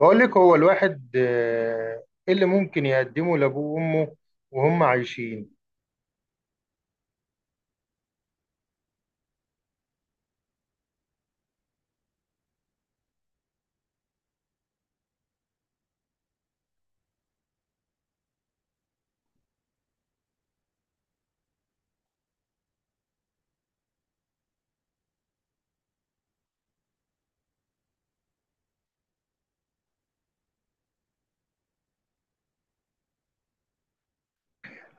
بقول لك هو الواحد إيه اللي ممكن يقدمه لأبوه وأمه وهم عايشين.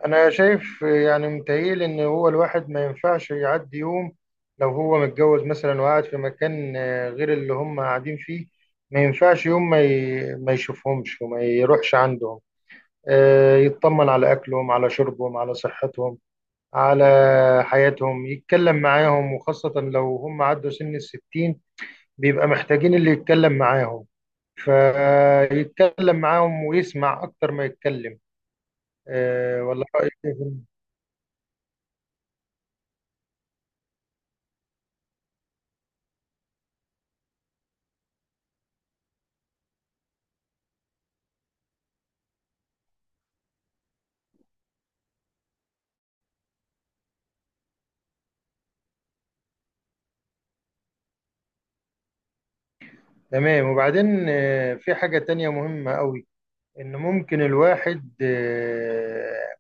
أنا شايف، يعني متهيألي إن هو الواحد ما ينفعش يعدي يوم لو هو متجوز مثلا وقاعد في مكان غير اللي هم قاعدين فيه. ما ينفعش يوم ما يشوفهمش وما يروحش عندهم. يطمن على أكلهم، على شربهم، على صحتهم، على حياتهم، يتكلم معاهم، وخاصة لو هم عدوا سن الستين بيبقى محتاجين اللي يتكلم معاهم، فيتكلم معاهم ويسمع اكتر ما يتكلم. والله رأيك إيه في؟ تمام، وبعدين في حاجة تانية مهمة قوي، ان ممكن الواحد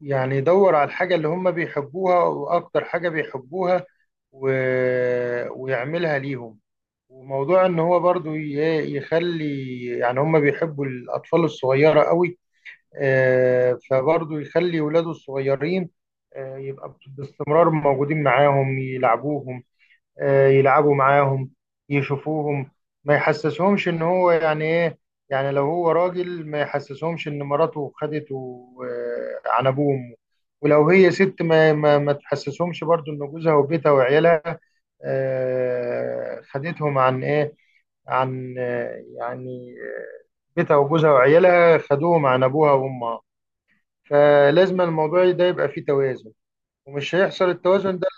يعني يدور على الحاجة اللي هم بيحبوها واكتر حاجة بيحبوها ويعملها ليهم. وموضوع ان هو برضو يخلي، يعني هم بيحبوا الاطفال الصغيرة قوي. فبرضه يخلي ولاده الصغيرين يبقى باستمرار موجودين معاهم، يلعبوهم، يلعبوا معاهم، يشوفوهم. ما يحسسهمش ان هو يعني ايه. يعني لو هو راجل ما يحسسهمش ان مراته خدته عن ابوه وامه. ولو هي ست ما تحسسهمش برضو ان جوزها وبيتها وعيالها خدتهم عن ايه، عن يعني بيتها وجوزها وعيالها خدوهم عن ابوها وامها. فلازم الموضوع ده يبقى فيه توازن، ومش هيحصل التوازن ده.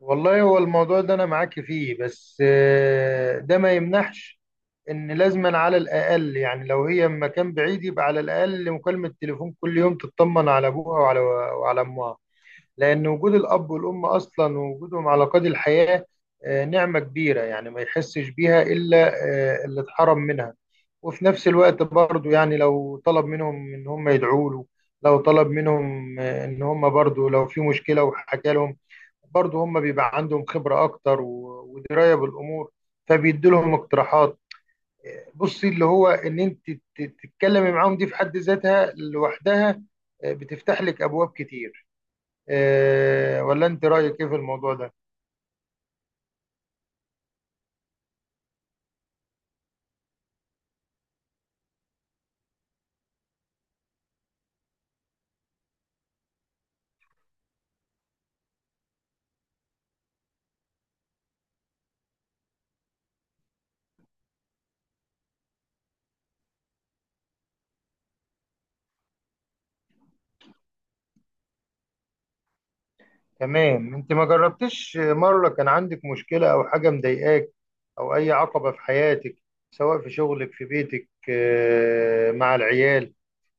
والله هو الموضوع ده انا معاك فيه، بس ده ما يمنعش ان لازما على الاقل، يعني لو هي مكان بعيد يبقى على الاقل مكالمة تليفون كل يوم تطمن على ابوها وعلى امها. لأن وجود الأب والأم أصلا ووجودهم على قيد الحياة نعمة كبيرة، يعني ما يحسش بيها إلا اللي اتحرم منها. وفي نفس الوقت برضو يعني لو طلب منهم إن هم يدعوا له، لو طلب منهم إن هم برضو، لو في مشكلة وحكى لهم برضو هم بيبقى عندهم خبرة أكتر ودراية بالأمور، فبيدي لهم اقتراحات. بصي، اللي هو إن أنت تتكلمي معاهم دي في حد ذاتها لوحدها بتفتح لك أبواب كتير. ولا انت رايك ايه في الموضوع ده؟ تمام. انت ما جربتش مره كان عندك مشكله او حاجه مضايقاك، او اي عقبه في حياتك، سواء في شغلك، في بيتك، مع العيال،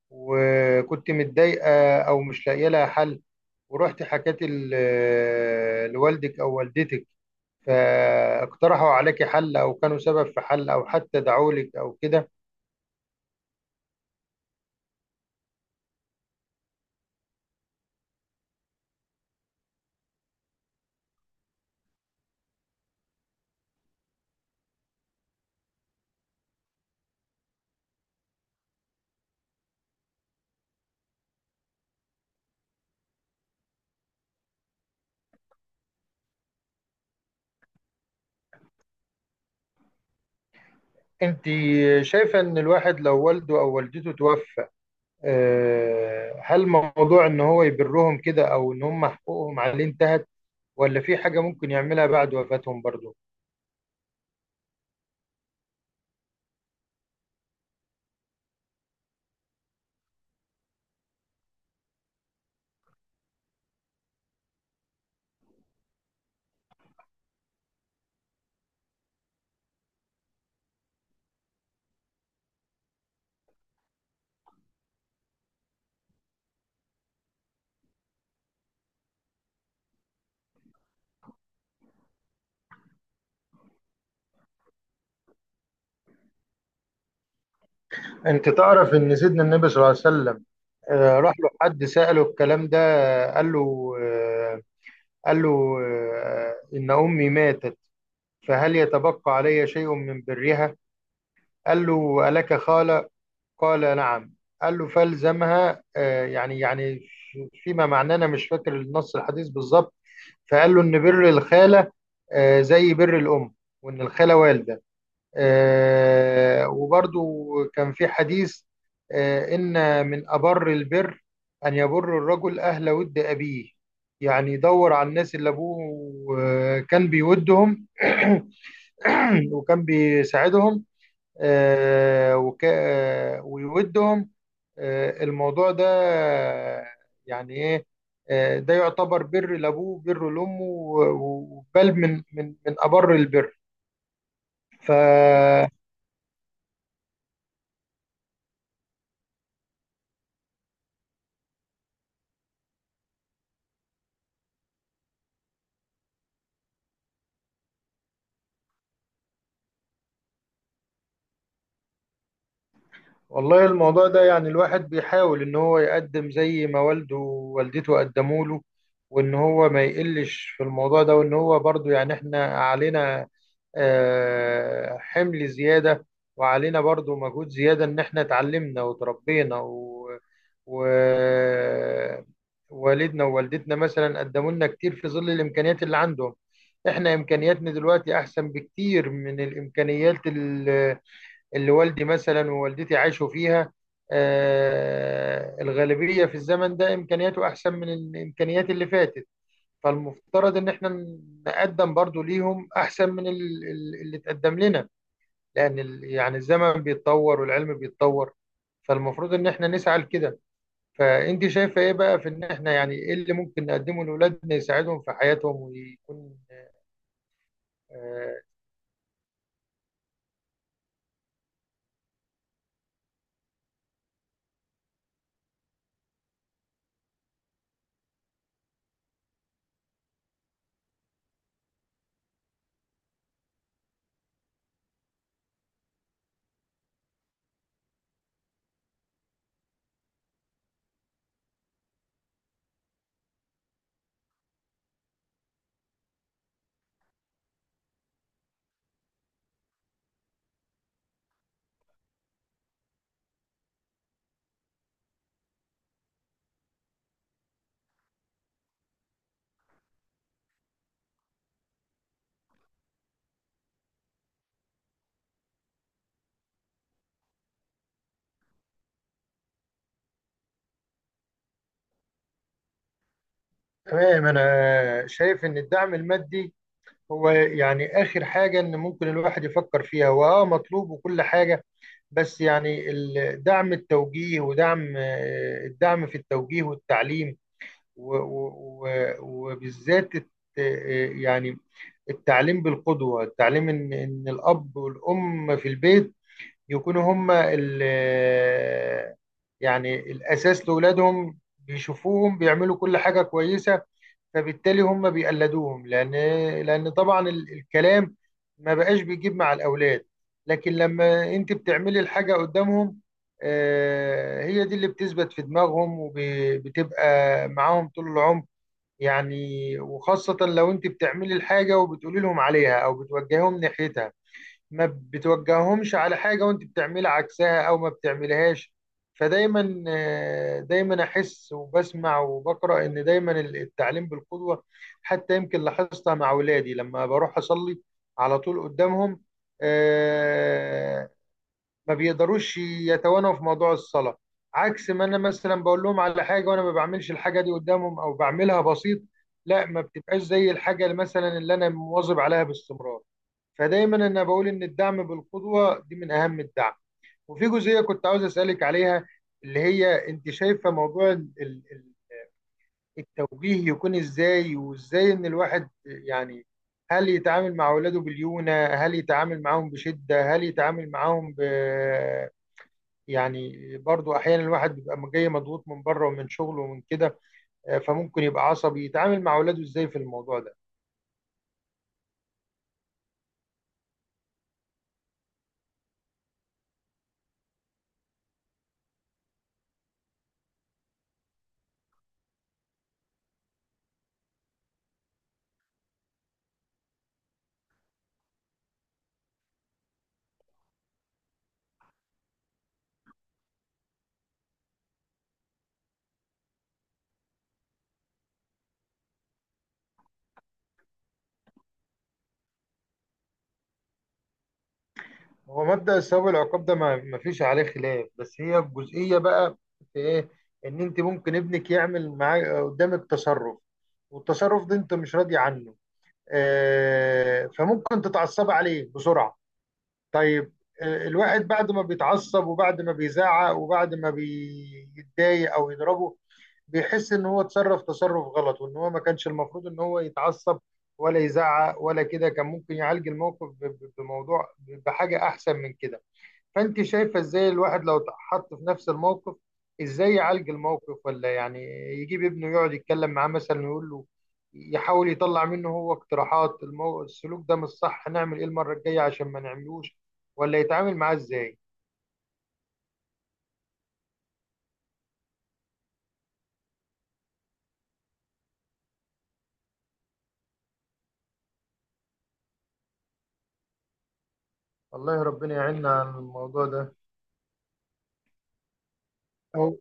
وكنت متضايقه او مش لاقيه لها حل، ورحت حكيت لوالدك او والدتك، فاقترحوا عليك حل، او كانوا سبب في حل، او حتى دعوا لك او كده؟ انت شايفه ان الواحد لو والده او والدته توفى، هل موضوع ان هو يبرهم كده، او ان هم حقوقهم عليه انتهت، ولا في حاجة ممكن يعملها بعد وفاتهم برضو؟ انت تعرف ان سيدنا النبي صلى الله عليه وسلم راح له حد سأله الكلام ده. آه، قال له آه، قال له: ان امي ماتت، فهل يتبقى علي شيء من برها؟ قال له: الك خالة؟ قال: نعم. قال له: فالزمها. فيما معناه، انا مش فاكر النص الحديث بالظبط. فقال له إن بر الخالة زي بر الأم، وإن الخالة والدة. وبرضو كان في حديث إن من أبر البر أن يبر الرجل أهل ود أبيه. يعني يدور على الناس اللي أبوه كان بيودهم، وكان بيساعدهم، آه، وك... آه، ويودهم. الموضوع ده آه، يعني ايه آه، ده يعتبر بر لابوه، بر لامه، وبل من ابر البر. ف والله الموضوع ده، يعني الواحد بيحاول ان هو يقدم زي ما والده ووالدته قدموا له، وان هو ما يقلش في الموضوع ده، وان هو برضو يعني احنا علينا حمل زيادة، وعلينا برضو مجهود زيادة ان احنا اتعلمنا وتربينا و... والدنا ووالدتنا مثلا قدموا لنا كتير في ظل الامكانيات اللي عندهم. احنا امكانياتنا دلوقتي احسن بكتير من الامكانيات اللي والدي مثلا ووالدتي عاشوا فيها. الغالبية في الزمن ده إمكانياته أحسن من الإمكانيات اللي فاتت، فالمفترض إن إحنا نقدم برضو ليهم أحسن من اللي اتقدم لنا، لأن يعني الزمن بيتطور والعلم بيتطور، فالمفروض إن إحنا نسعى لكده. فأنت شايفة إيه بقى في إن إحنا، يعني إيه اللي ممكن نقدمه لأولادنا يساعدهم في حياتهم ويكون؟ آه، تمام، أنا شايف إن الدعم المادي هو يعني آخر حاجة إن ممكن الواحد يفكر فيها، مطلوب وكل حاجة. بس يعني دعم التوجيه ودعم، الدعم في التوجيه والتعليم، و- و- و- وبالذات يعني التعليم بالقدوة، التعليم إن الأب والأم في البيت يكونوا هما يعني الأساس لأولادهم، بيشوفوهم بيعملوا كل حاجة كويسة، فبالتالي هم بيقلدوهم. لان طبعا الكلام ما بقاش بيجيب مع الاولاد، لكن لما انت بتعملي الحاجه قدامهم، هي دي اللي بتثبت في دماغهم وبتبقى معاهم طول العمر يعني. وخاصه لو انت بتعملي الحاجه وبتقولي لهم عليها او بتوجههم ناحيتها، ما بتوجههمش على حاجة وانت بتعملي عكسها او ما بتعملهاش. فدايما آه، دايما احس وبسمع وبقرا ان دايما التعليم بالقدوة. حتى يمكن لاحظتها مع اولادي، لما بروح اصلي على طول قدامهم، آه، ما بيقدروش يتوانوا في موضوع الصلاة، عكس ما انا مثلا بقول لهم على حاجة وانا ما بعملش الحاجة دي قدامهم او بعملها بسيط. لا، ما بتبقاش زي الحاجة اللي مثلا انا مواظب عليها باستمرار. فدايما انا بقول ان الدعم بالقدوة دي من اهم الدعم. وفي جزئية كنت عاوز اسألك عليها، اللي هي انت شايفة موضوع التوجيه يكون ازاي، وازاي ان الواحد، يعني هل يتعامل مع اولاده باليونة، هل يتعامل معاهم بشدة، هل يتعامل معاهم يعني، برضو احيانا الواحد بيبقى جاي مضغوط من بره ومن شغله ومن كده، فممكن يبقى عصبي. يتعامل مع اولاده ازاي في الموضوع ده؟ هو مبدأ الثواب العقاب ده ما فيش عليه خلاف، بس هي الجزئية بقى في ايه. ان انت ممكن ابنك يعمل معاك قدامك تصرف، والتصرف ده انت مش راضي عنه، فممكن تتعصب عليه بسرعة. طيب، الواحد بعد ما بيتعصب وبعد ما بيزعق وبعد ما بيتضايق او يضربه، بيحس ان هو اتصرف تصرف غلط، وان هو ما كانش المفروض ان هو يتعصب ولا يزعق ولا كده. كان ممكن يعالج الموقف بموضوع، بحاجة احسن من كده. فانت شايفه ازاي الواحد لو اتحط في نفس الموقف، ازاي يعالج الموقف، ولا يعني يجيب ابنه يقعد يتكلم معاه، مثلا يقول له، يحاول يطلع منه هو اقتراحات، السلوك ده مش صح، نعمل ايه المره الجايه عشان ما نعملوش، ولا يتعامل معاه ازاي؟ والله، ربنا يعيننا عن الموضوع ده. أو.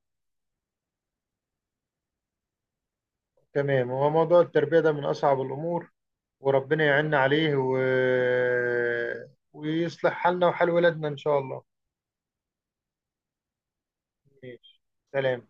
تمام. هو موضوع التربية ده من أصعب الأمور، وربنا يعيننا عليه ويصلح حالنا وحال ولادنا إن شاء الله. ماشي. سلام.